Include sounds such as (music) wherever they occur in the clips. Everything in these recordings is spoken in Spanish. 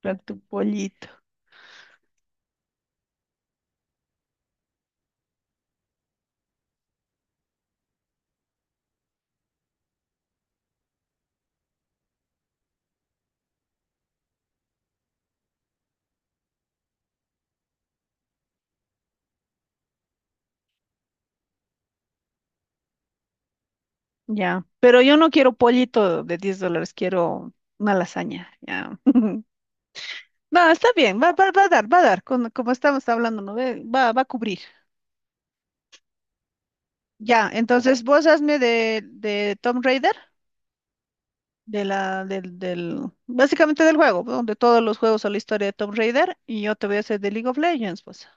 Para tu pollito, ya. Pero yo no quiero pollito de $10, quiero una lasaña, ya. (laughs) No, está bien, va a dar, como estamos hablando, ¿no? Ve, va a cubrir. Ya, entonces vos hazme de Tomb Raider, del, básicamente del juego, ¿no? De todos los juegos o la historia de Tomb Raider, y yo te voy a hacer de League of Legends, pues.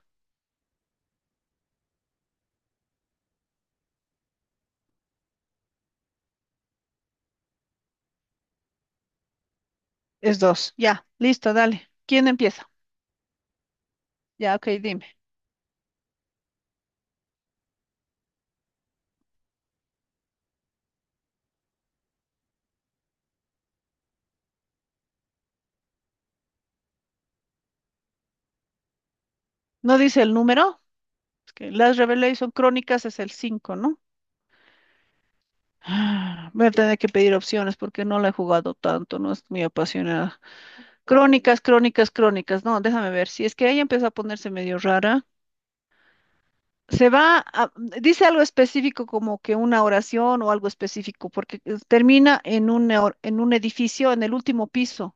Es dos, ya, listo, dale. ¿Quién empieza? Ya, ok, dime. No dice el número, es que las Revelation Crónicas es el cinco, ¿no? Ah, voy a tener que pedir opciones porque no la he jugado tanto, no es muy apasionada. Crónicas, crónicas, crónicas. No, déjame ver. Si es que ella empezó a ponerse medio rara. Se va a- Dice algo específico como que una oración o algo específico, porque termina en en un edificio en el último piso.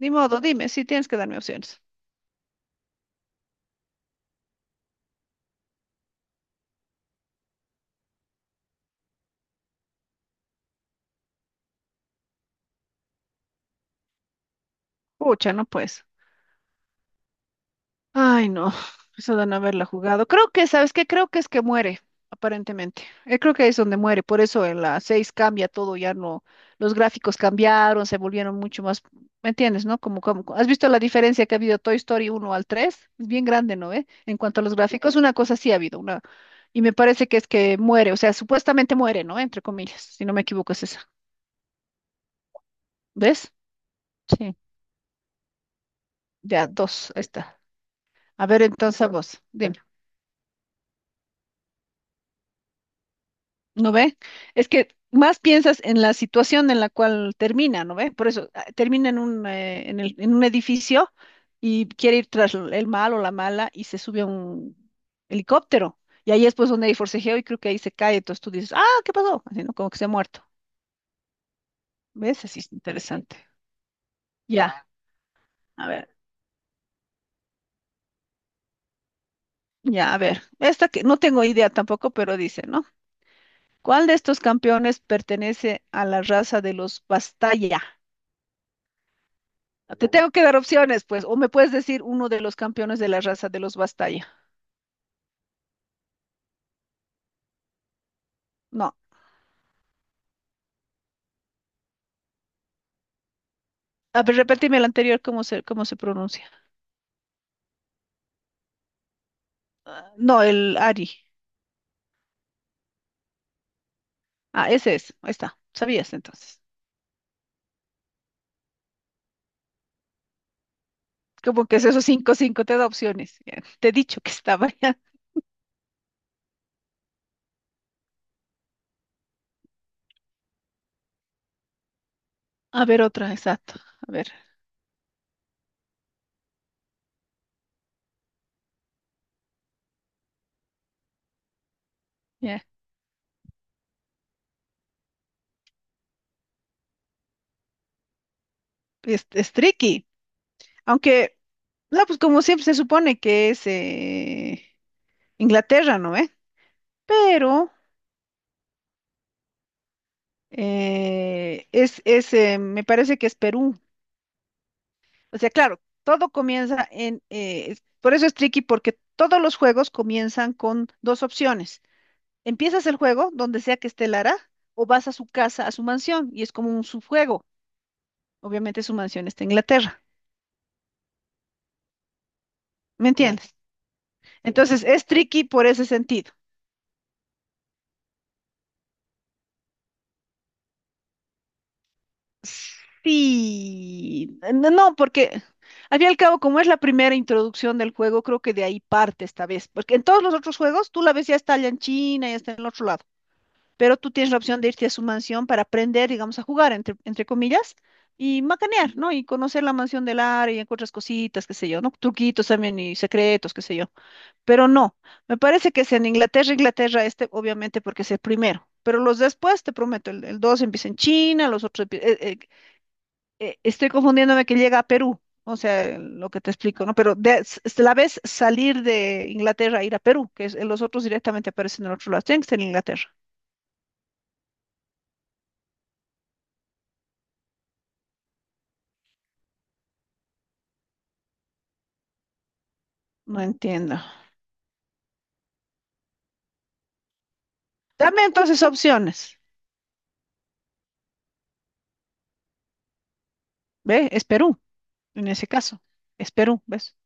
Ni modo, dime, si tienes que darme opciones. Pucha, no pues. Ay, no, eso de no haberla jugado. Creo que, ¿sabes qué? Creo que es que muere, aparentemente. Creo que es donde muere. Por eso en la 6 cambia todo, ya no, los gráficos cambiaron, se volvieron mucho más, ¿me entiendes, no? Como, ¿has visto la diferencia que ha habido Toy Story uno al 3? Es bien grande, ¿no? ¿Eh? En cuanto a los gráficos, una cosa sí ha habido, una, y me parece que es que muere, o sea, supuestamente muere, ¿no? Entre comillas, si no me equivoco es esa. ¿Ves? Sí. Ya, dos, ahí está. A ver, entonces a vos, dime. ¿No ve? Es que más piensas en la situación en la cual termina, ¿no ve? Por eso termina en en un edificio y quiere ir tras el malo o la mala y se sube a un helicóptero. Y ahí es pues donde hay forcejeo y creo que ahí se cae. Entonces tú dices, ah, ¿qué pasó? Así, ¿no? Como que se ha muerto. ¿Ves? Así es interesante. Ya, a ver, ya, a ver. Esta que no tengo idea tampoco, pero dice, ¿no? ¿Cuál de estos campeones pertenece a la raza de los Bastaya? Te tengo que dar opciones, pues, o me puedes decir uno de los campeones de la raza de los Bastaya. No. A ver, repíteme el anterior, ¿cómo se pronuncia? Ah, no, el Ari. Ah, ese es. Ahí está. Sabías entonces. Como que es esos cinco, cinco, te da opciones. Ya, te he dicho que estaba (laughs) ya. A ver, otra, exacto. A ver, ya. Es tricky. Aunque, no, pues como siempre se supone que es Inglaterra, ¿no? ¿Eh? Pero es, me parece que es Perú. O sea, claro, todo comienza por eso es tricky, porque todos los juegos comienzan con dos opciones. Empiezas el juego donde sea que esté Lara o vas a su casa, a su mansión, y es como un subjuego. Obviamente su mansión está en Inglaterra, ¿me, claro, entiendes? Entonces es tricky por ese sentido. Sí, no, no, porque al fin y al cabo, como es la primera introducción del juego, creo que de ahí parte esta vez, porque en todos los otros juegos tú la ves ya está allá en China, ya está en el otro lado. Pero tú tienes la opción de irte a su mansión para aprender, digamos, a jugar, entre comillas, y macanear, ¿no? Y conocer la mansión del área y encuentras cositas, qué sé yo, ¿no? Truquitos también y secretos, qué sé yo. Pero no, me parece que es en Inglaterra, Inglaterra este, obviamente, porque es el primero. Pero los después, te prometo, el dos empieza en China, los otros... empie- estoy confundiéndome que llega a Perú, o sea, lo que te explico, ¿no? Pero la ves salir de Inglaterra, ir a Perú, los otros directamente aparecen en el otro lado. Tienen que estar en Inglaterra. No entiendo. Dame entonces opciones. ¿Ve? Es Perú, en ese caso. Es Perú, ¿ves?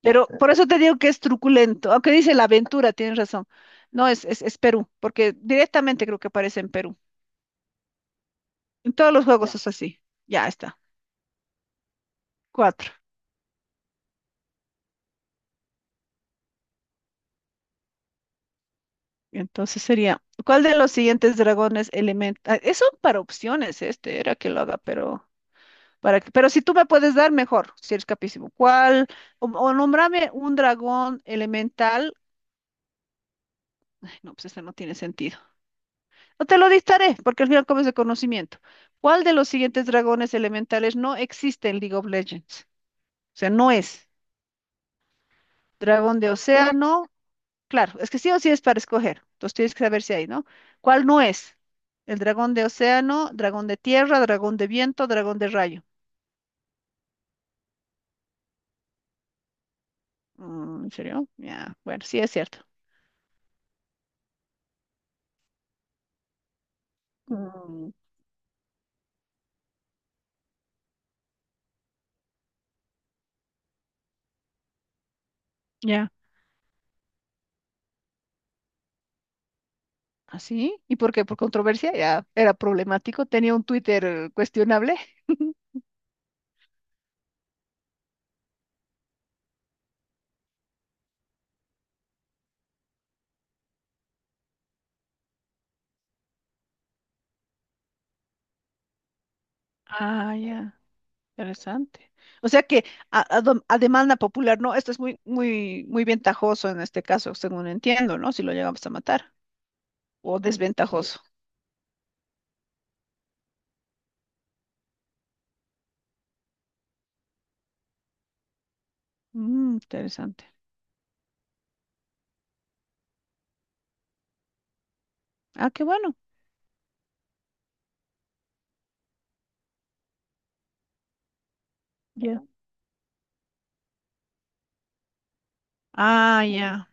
Pero por eso te digo que es truculento. Aunque dice la aventura, tienes razón. No, es Perú, porque directamente creo que aparece en Perú. En todos los juegos es así. Ya está. Cuatro. Entonces sería, ¿cuál de los siguientes dragones elemental? Eso para opciones, este, era que lo haga, pero pero si tú me puedes dar mejor, si eres capísimo. ¿Cuál? O nómbrame un dragón elemental. No, pues este no tiene sentido. No te lo dictaré, porque al final comes de conocimiento. ¿Cuál de los siguientes dragones elementales no existe en League of Legends? O sea, no es. Dragón de océano, claro, es que sí o sí es para escoger. Entonces tienes que saber si hay, ¿no? ¿Cuál no es? El dragón de océano, dragón de tierra, dragón de viento, dragón de rayo. Mm, ¿en serio? Ya, bueno, sí es cierto. Mm. Ya. ¿Así? ¿Y por qué? Por controversia, ya era problemático, tenía un Twitter cuestionable. (laughs) Ah, ya, interesante. O sea que a demanda popular, no, esto es muy, muy, muy ventajoso en este caso, según entiendo, ¿no? Si lo llegamos a matar, o desventajoso. Mm, interesante. Ah, qué bueno. Ya. Ah, ya.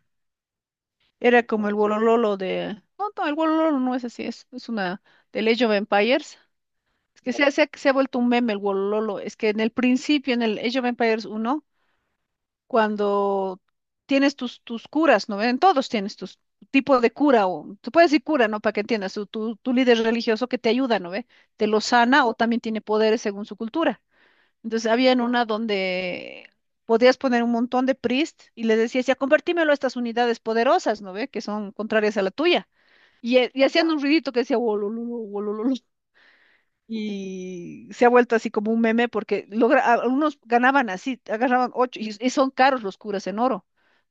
Era como el Wolololo. No, no, el Wolololo no es así, es una de Age of Empires. Es que se ha vuelto un meme el Wolololo. Es que en el principio, en el Age of Empires uno, cuando tienes tus curas, ¿no? En todos tienes tus tipo de cura, o se puede decir cura, ¿no? Para que entiendas, tu líder religioso que te ayuda, ¿no ve? Te lo sana o también tiene poderes según su cultura. Entonces había en una donde podías poner un montón de Priest y les decías, ya convertímelo a estas unidades poderosas, ¿no ve? Que son contrarias a la tuya. Y hacían un ruidito que decía, "Wolololo, wolololo". (laughs) Y se ha vuelto así como un meme porque logra, algunos ganaban así, agarraban ocho, y son caros los curas en oro,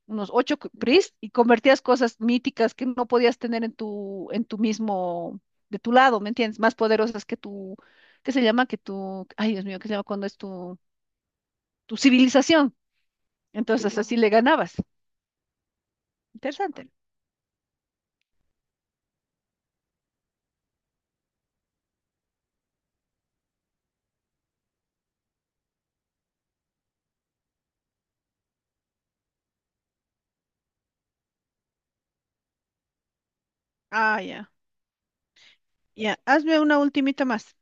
unos ocho Priest y convertías cosas míticas que no podías tener en tu, mismo, de tu lado, ¿me entiendes? Más poderosas que tu, ¿qué se llama? Que tu, ay Dios mío, ¿qué se llama cuando es tu civilización. Entonces así le ganabas. Interesante. Ah, ya. Ya, hazme una ultimita más.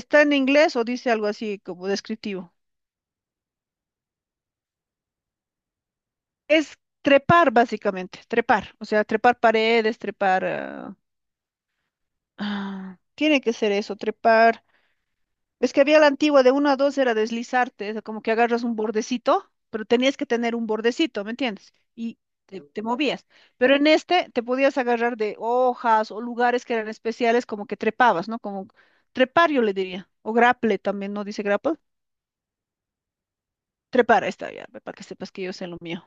¿Está en inglés o dice algo así como descriptivo? Es trepar básicamente, trepar. O sea, trepar paredes, trepar, tiene que ser eso, trepar. Es que había la antigua de uno a dos era deslizarte, es como que agarras un bordecito, pero tenías que tener un bordecito, ¿me entiendes? Y te movías. Pero en este te podías agarrar de hojas o lugares que eran especiales, como que trepabas, ¿no? Como trepar, yo le diría. O grapple también, ¿no dice grapple? Trepar, ahí está ya, para que sepas que yo sé lo mío.